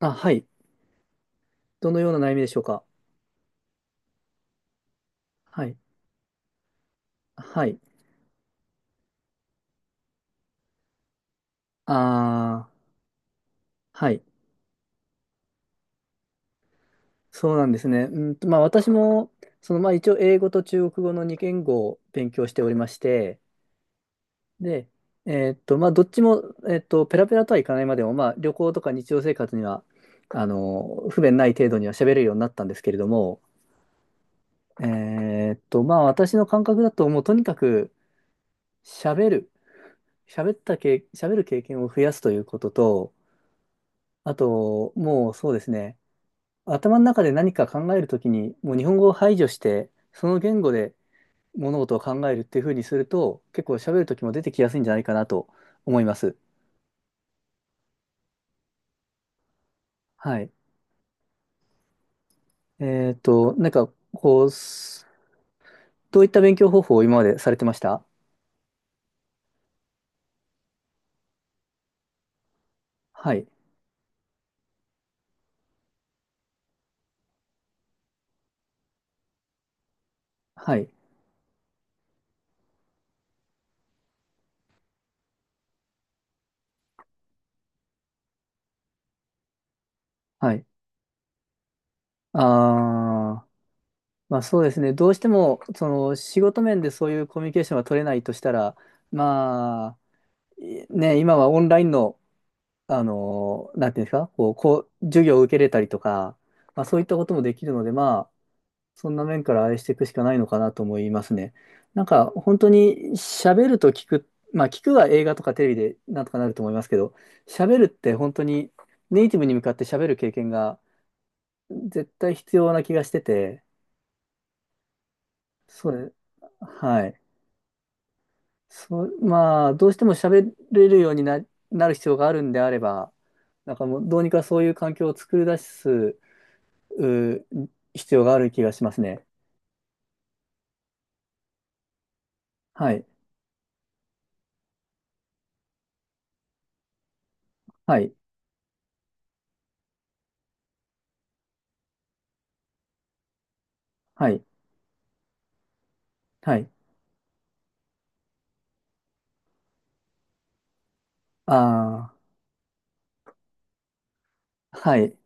あ、はい。どのような悩みでしょうか。はい。はい。ああ、はい。そうなんですね。まあ私も、その、まあ一応英語と中国語の2言語を勉強しておりまして、で、まあどっちも、ペラペラとはいかないまでも、まあ旅行とか日常生活には、不便ない程度には喋れるようになったんですけれども、えまあ私の感覚だと、もうとにかく喋る、喋ったけ、喋る経験を増やすということと、あと、もうそうですね、頭の中で何か考えるときに、もう日本語を排除して、その言語で物事を考えるっていうふうにすると、結構喋るときも出てきやすいんじゃないかなと思います。はい。なんか、こう、どういった勉強方法を今までされてました？はい。はい。はい。ああ、まあそうですね。どうしても、その、仕事面でそういうコミュニケーションが取れないとしたら、まあ、今はオンラインのなんていうんですか、こう、授業を受けれたりとか、まあそういったこともできるので、まあ、そんな面から愛していくしかないのかなと思いますね。なんか、本当に喋ると聞く、まあ聞くは映画とかテレビでなんとかなると思いますけど、喋るって本当にネイティブに向かって喋る経験が絶対必要な気がしてて、そうね、はい。そう、まあ、どうしても喋れるようになる必要があるんであれば、なんかもうどうにかそういう環境を作り出すうー必要がある気がしますね。はい。はい。はい。はい。ああ、はい。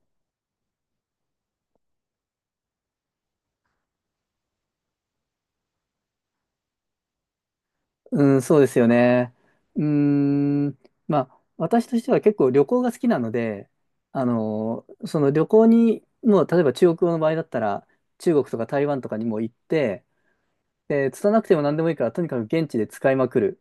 うん、そうですよね。うーん、まあ、私としては結構旅行が好きなので、その旅行に、もう例えば中国の場合だったら、中国とか台湾とかにも行って、で、拙なくても何でもいいから、とにかく現地で使いまくる。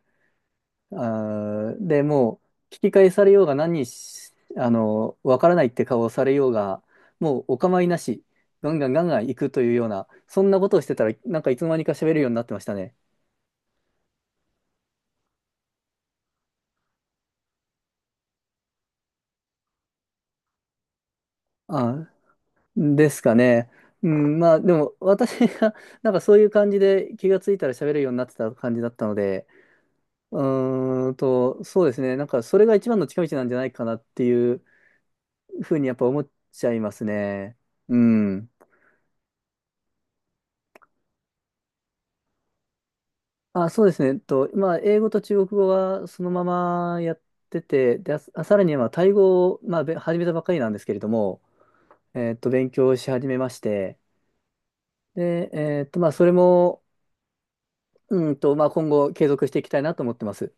で、もう、聞き返されようが何し、あの、わからないって顔をされようが、もうお構いなし、ガンガンガンガン行くというような、そんなことをしてたら、なんかいつの間にか喋るようになってましたね。あ、ですかね。うん、まあ、でも、私が、なんかそういう感じで気がついたら喋るようになってた感じだったので、うそうですね。なんか、それが一番の近道なんじゃないかなっていうふうにやっぱ思っちゃいますね。うん。あ、そうですね。まあ、英語と中国語はそのままやってて、で、あ、さらに、まあ、タイ語を、まあ、始めたばかりなんですけれども、勉強し始めまして、で、まあ、それも、まあ、今後継続していきたいなと思ってます。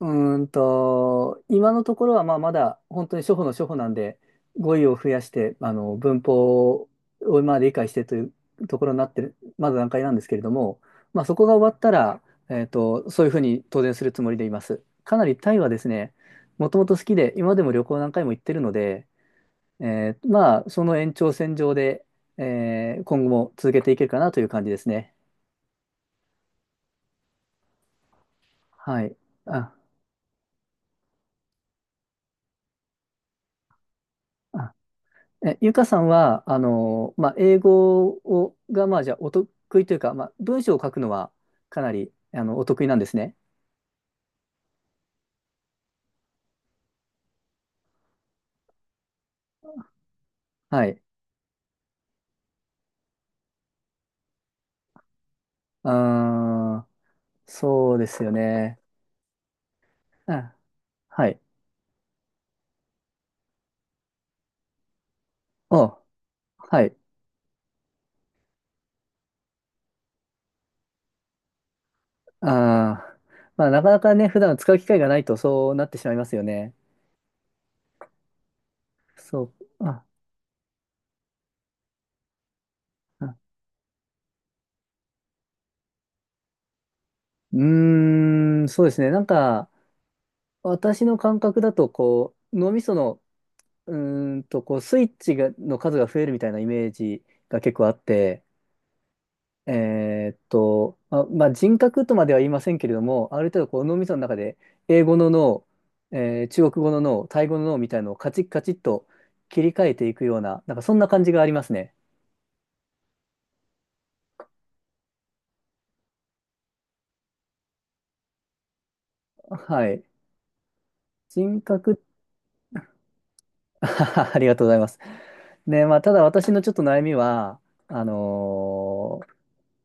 う今のところはまあまだ本当に初歩の初歩なんで、語彙を増やして、文法をまあ理解してというところになってる、まだ段階なんですけれども、まあそこが終わったら、そういうふうに当然するつもりでいます。かなりタイはですね、もともと好きで、今でも旅行何回も行ってるので、まあその延長線上で、今後も続けていけるかなという感じですね。はい。あ、あえ、ゆかさんは、まあ、英語が、まあ、じゃあ、お得意というか、まあ、文章を書くのは、かなり、お得意なんですね。はい。あー、そうですよね。あ、はい。お、はい。あー、まあ、なかなかね、普段使う機会がないと、そうなってしまいますよね。そう。あ、あうそうですね。なんか、私の感覚だと、こう、脳みそのこう、スイッチの数が増えるみたいなイメージが結構あって、まあ、人格とまでは言いませんけれども、ある程度こう脳みその中で英語の脳、中国語の脳、タイ語の脳みたいなのをカチッカチッと切り替えていくような、なんかそんな感じがありますね。はい。人格、ありがとうございます。ね、まあ、ただ私のちょっと悩みは、あの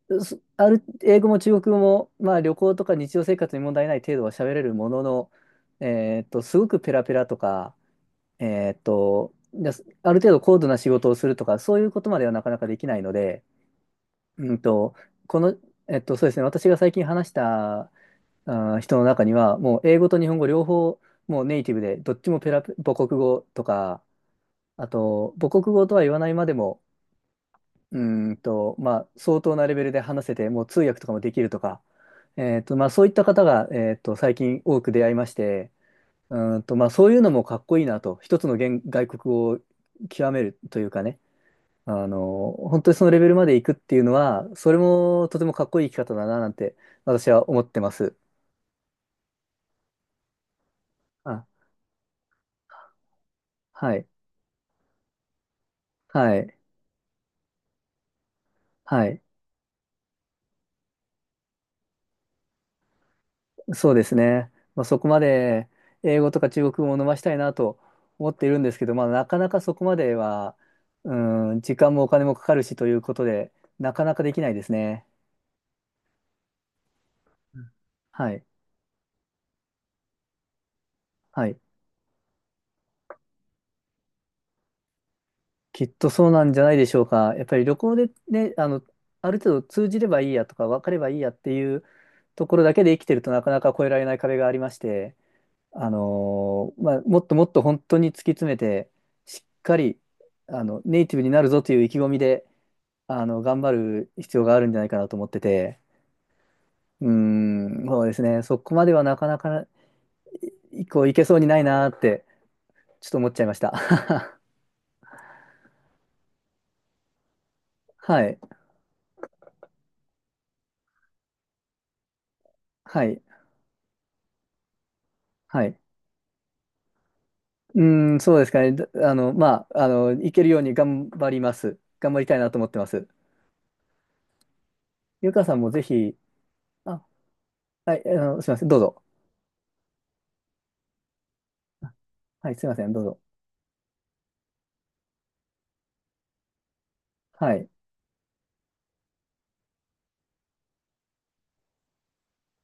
ーそある、英語も中国語も、まあ、旅行とか日常生活に問題ない程度は喋れるものの、すごくペラペラとか、じゃあある程度高度な仕事をするとか、そういうことまではなかなかできないので、うんと、この、そうですね、私が最近話した、人の中には、もう英語と日本語両方、もうネイティブで、どっちもペラペ、母国語とか、あと、母国語とは言わないまでも、うまあ、相当なレベルで話せて、もう通訳とかもできるとか、まあ、そういった方が、最近多く出会いまして、まあ、そういうのもかっこいいなと、一つの外国語を極めるというかね、本当にそのレベルまで行くっていうのは、それもとてもかっこいい生き方だな、なんて、私は思ってます。あ、はい、はい、はい。そうですね。まあ、そこまで英語とか中国語を伸ばしたいなと思っているんですけど、まあ、なかなかそこまでは、うん、時間もお金もかかるしということで、なかなかできないですね。うんはい。はい。きっとそうなんじゃないでしょうか。やっぱり旅行でね、ある程度通じればいいやとか、分かればいいやっていうところだけで生きてるとなかなか越えられない壁がありまして、まあ、もっともっと本当に突き詰めて、しっかり、ネイティブになるぞという意気込みで、頑張る必要があるんじゃないかなと思ってて、うーそうですね。そこまではなかなか、こう、いけそうにないなーって、ちょっと思っちゃいました。はい。はい。はい。うそうですかね。だあの、まあ、いけるように頑張ります。頑張りたいなと思ってます。ゆかさんもぜひ、あ、はい、すいません。どうぞ。はい、すいません。どうぞ。はい。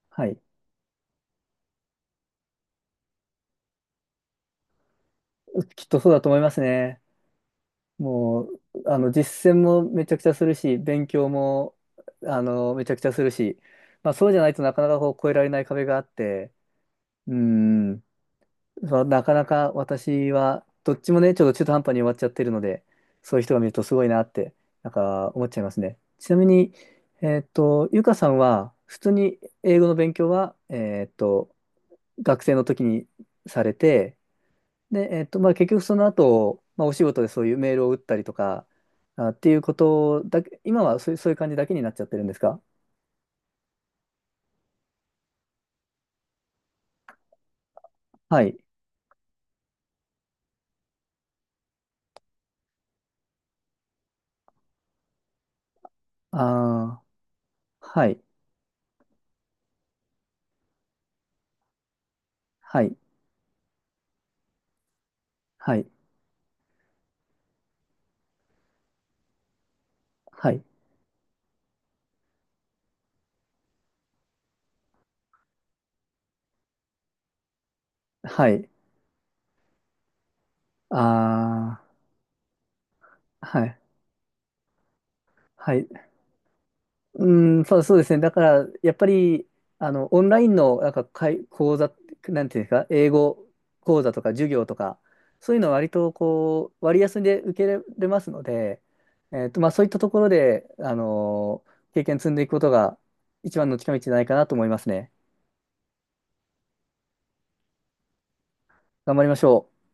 はい。きっとそうだと思いますね。もう、実践もめちゃくちゃするし、勉強も、めちゃくちゃするし、まあ、そうじゃないとなかなかこう、越えられない壁があって、うん、そうなかなか私は、どっちもね、ちょっと中途半端に終わっちゃってるので、そういう人が見るとすごいなって、なんか思っちゃいますね。ちなみに、ゆかさんは、普通に英語の勉強は、学生の時にされて、で、まあ、結局その後、まあ、お仕事でそういうメールを打ったりとか、っていうことだけ、今はそういう、感じだけになっちゃってるんですか？はい。ああ、はい。はい。はい。はい。はい。ああ、はい。はい。うん、そうですね。だから、やっぱり、オンラインの、なんか、講座、なんていうんですか、英語講座とか授業とか、そういうのは割と、こう、割安で受けれますので、まあ、そういったところで、経験積んでいくことが、一番の近道じゃないかなと思いますね。頑張りましょう。